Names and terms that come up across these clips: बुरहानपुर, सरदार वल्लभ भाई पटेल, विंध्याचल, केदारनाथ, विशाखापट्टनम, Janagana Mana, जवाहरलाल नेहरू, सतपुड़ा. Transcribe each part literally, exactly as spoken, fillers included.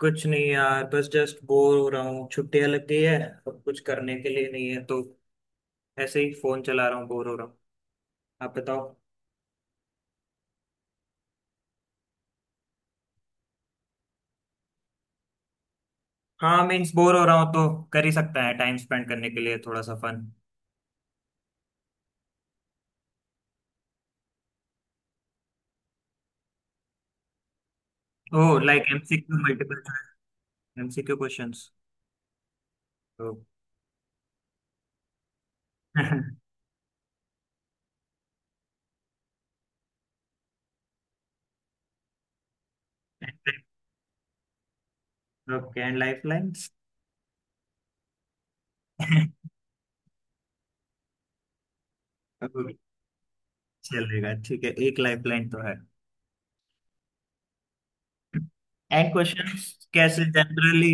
कुछ नहीं यार बस जस्ट बोर हो रहा हूँ छुट्टियां लग गई है। अब कुछ करने के लिए नहीं है तो ऐसे ही फोन चला रहा हूँ बोर हो रहा हूँ। आप बताओ। हाँ मीन्स बोर हो रहा हूँ तो कर ही सकता है टाइम स्पेंड करने के लिए थोड़ा सा फन। ओ like MCQ multiple choice. MCQ questions तो ओके एंड लाइफ लाइन्स। चलेगा ठीक है एक लाइफ लाइन तो है। एंड क्वेश्चंस कैसे जनरली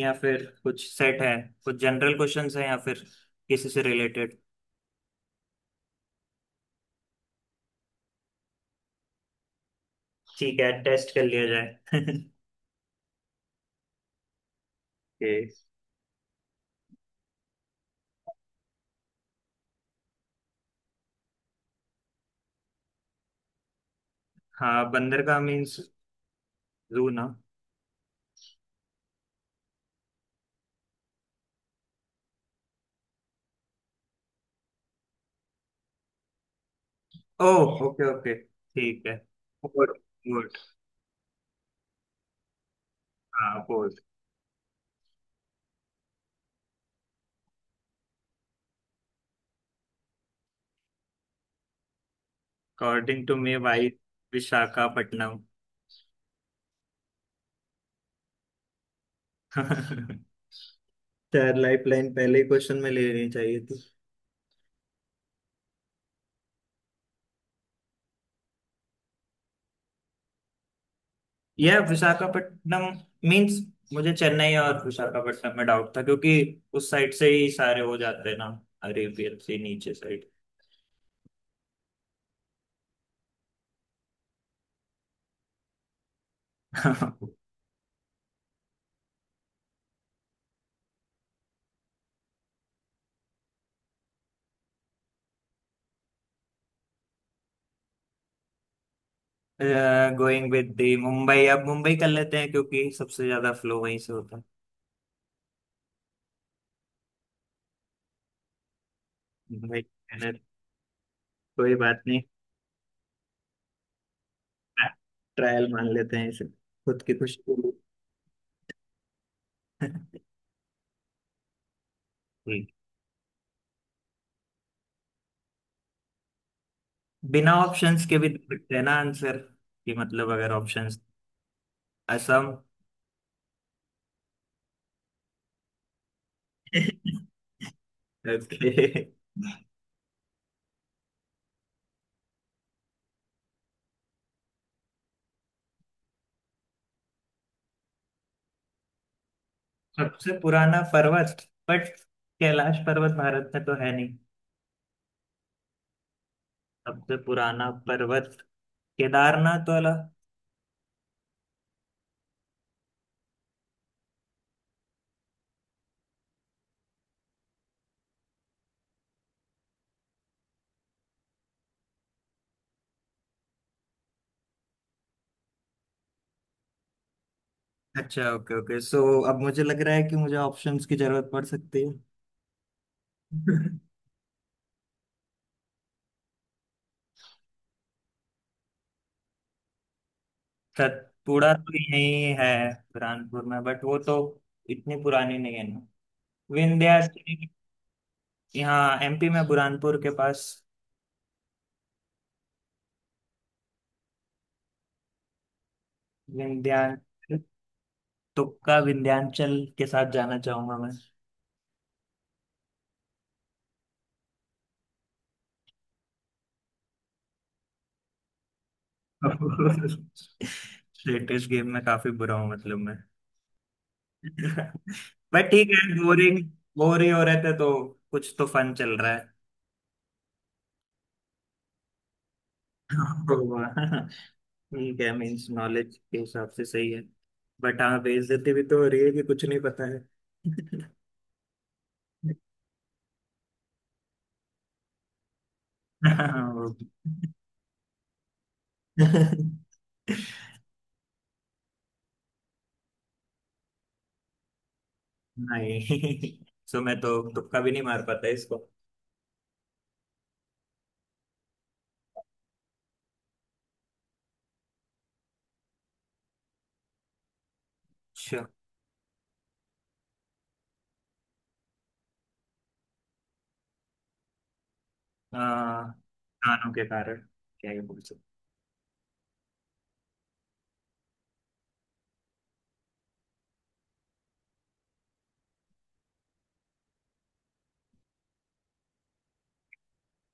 या फिर कुछ सेट है। कुछ जनरल क्वेश्चंस हैं या फिर किसी से रिलेटेड। ठीक है टेस्ट कर लिया जाए। ओके। हाँ बंदर का मीन्स जू ना। ओह ओके ओके ठीक है। Port port. हाँ पोर्ट। अकॉर्डिंग टू मे भाई विशाखापट्टनम। चार लाइफ लाइन पहले ही क्वेश्चन में ले लेनी चाहिए थी। यह विशाखापट्टनम मीन्स मुझे चेन्नई और विशाखापट्टनम में डाउट था क्योंकि उस साइड से ही सारे हो जाते हैं ना। अरेबियन से नीचे side. Going with the Mumbai अब मुंबई कर लेते हैं क्योंकि सबसे ज्यादा फ्लो वहीं से होता है। मुंबई। मेहनत। कोई बात नहीं। ट्रायल मान लेते हैं इसे खुद की खुशी के लिए। ठीक। बिना ऑप्शंस के भी दे सकते हैं ना आंसर कि मतलब अगर ऑप्शंस। असम। ओके। सबसे पुराना पर्वत बट कैलाश पर्वत भारत में तो है नहीं। सबसे पुराना पर्वत केदारनाथ वाला। अच्छा ओके ओके सो अब मुझे लग रहा है कि मुझे ऑप्शंस की जरूरत पड़ सकती है। सतपुड़ा तो यही है बुरहानपुर में बट वो तो इतनी पुरानी नहीं है ना। विंध्याचल। यहाँ एमपी में बुरहानपुर के पास। विंध्याचल। तुक्का विंध्याचल के साथ जाना चाहूंगा मैं। लेटेस्ट गेम में काफी बुरा हूँ मतलब मैं। बट ठीक है बोरिंग। बोर ही हो रहे थे तो कुछ तो फन चल रहा है। ठीक है मीन्स नॉलेज के हिसाब से सही है। बट हाँ बेइज्जती भी तो हो रही है कि कुछ नहीं पता है। हाँ, वो भी। नहीं। सो मैं तो तुक्का भी नहीं मार पाता इसको। अच्छा आ, कानों के कारण क्या ये बोल सकते।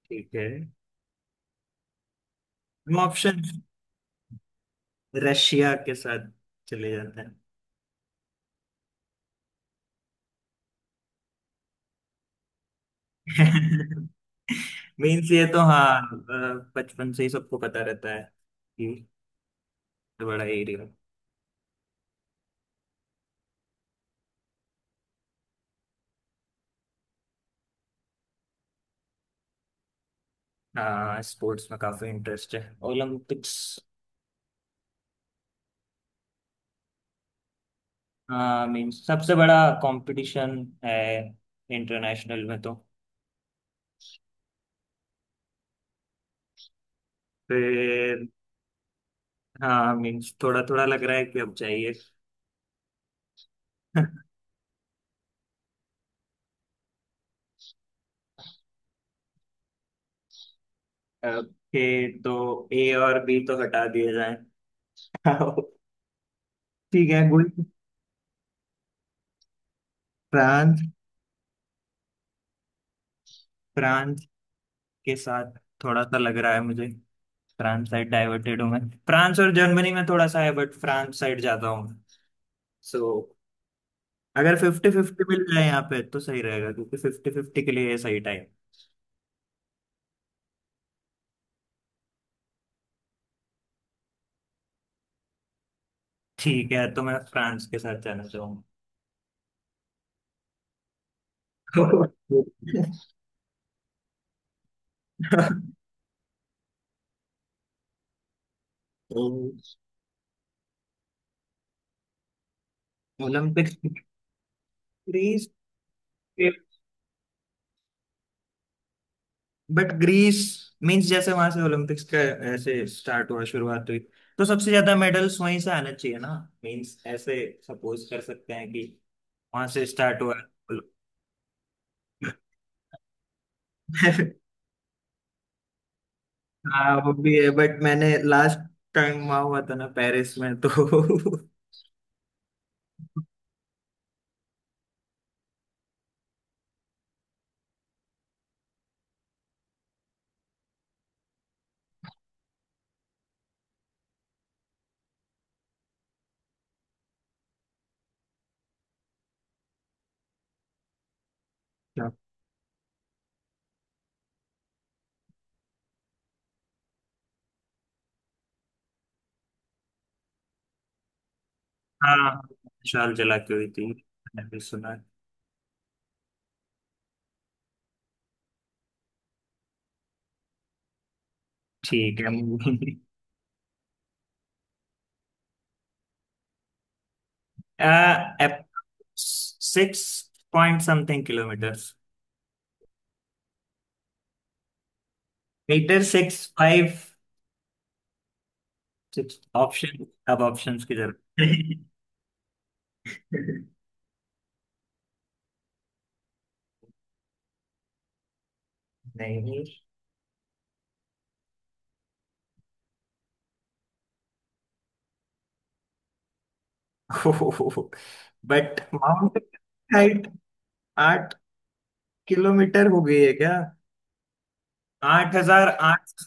ठीक है। हम ऑप्शन रशिया के साथ चले जाते हैं। मीन्स ये तो हाँ अ, बचपन से ही सबको पता रहता है कि ये बड़ा एरिया। हाँ स्पोर्ट्स में काफी इंटरेस्ट है। ओलंपिक्स। हाँ मीन सबसे बड़ा कंपटीशन है इंटरनेशनल में तो फिर। हाँ मीन्स थोड़ा थोड़ा लग रहा है कि अब चाहिए। ओके तो ए और बी तो हटा दिए जाए। ठीक है गुड। फ्रांस। फ्रांस के साथ थोड़ा सा लग रहा है मुझे। फ्रांस साइड डाइवर्टेड हूँ मैं। फ्रांस और जर्मनी में थोड़ा सा है बट फ्रांस साइड जाता हूँ। सो अगर फिफ्टी फिफ्टी मिल जाए यहाँ पे तो सही रहेगा क्योंकि फिफ्टी फिफ्टी के लिए ये सही टाइम। ठीक है तो मैं फ्रांस के साथ जाना चाहूंगा। तो Olympics. Greece. But Greece means जैसे वहां से ओलंपिक्स का ऐसे स्टार्ट हुआ शुरुआत हुई तो सबसे ज्यादा मेडल्स वहीं से आना चाहिए ना। मींस ऐसे सपोज कर सकते हैं कि वहां से स्टार्ट हुआ। है। हाँ वो भी है बट मैंने लास्ट टाइम वहां हुआ था ना पेरिस में तो। हाँ विशाल जला के हुई थी मैंने भी सुना। ठीक है मूवी। आ, six point something kilometre. Metre six five six option. अब ऑप्शंस की जरूरत। नहीं बट माउंट हाइट। आठ किलोमीटर हो गई है क्या। आठ हजार आठ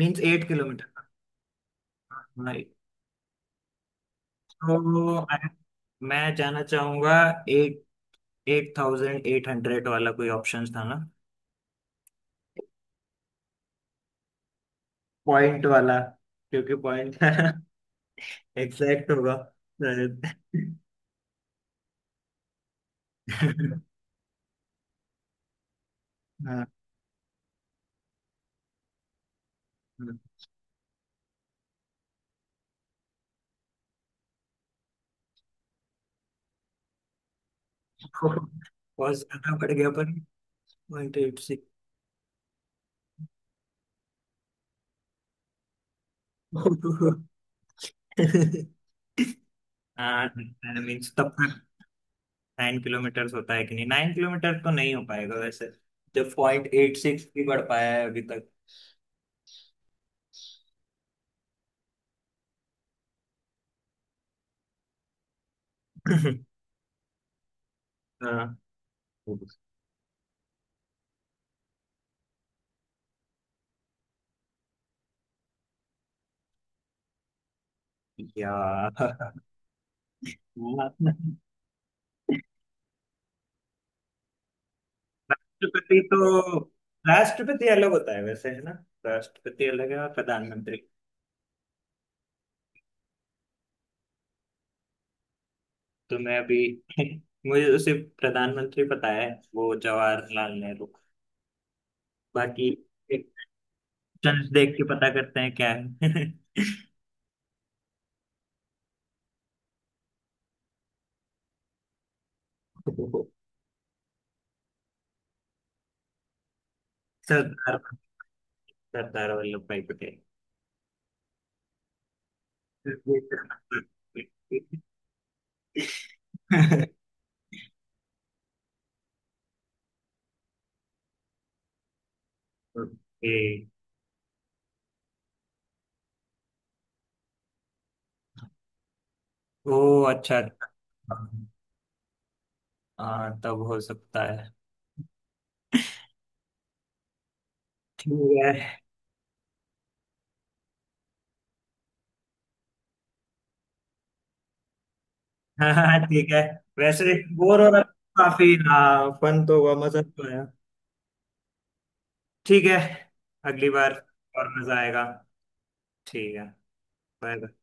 मीन्स एट किलोमीटर नहीं। तो I- मैं जाना चाहूंगा eight eight thousand eight hundred वाला कोई ऑप्शन था। पॉइंट वाला क्योंकि पॉइंट एग्जैक्ट होगा। रजत। हाँ बहुत ज्यादा बढ़ गया पर पॉइंट एट सिक्स। हाँ मीन्स तब तक नाइन किलोमीटर होता है कि नहीं। नाइन किलोमीटर तो नहीं हो पाएगा वैसे जब पॉइंट एट सिक्स भी बढ़ पाया है अभी तक। हाँ यार। राष्ट्रपति तो राष्ट्रपति अलग होता है वैसे है ना। राष्ट्रपति अलग है और प्रधानमंत्री। तो मैं अभी मुझे तो सिर्फ प्रधानमंत्री पता है। वो जवाहरलाल नेहरू बाकी एक चंद देख के पता करते हैं क्या है। सरदार। सरदार वल्लभ भाई पटेल। ओके। ओ अच्छा अच्छा। हाँ तब हो सकता है। ठीक है। हाँ हाँ, ठीक है। वैसे बोर हो रहा था। काफी हाँ फन तो हुआ मजा तो आया। ठीक है अगली बार और मजा आएगा। ठीक है। बाईं तरफ।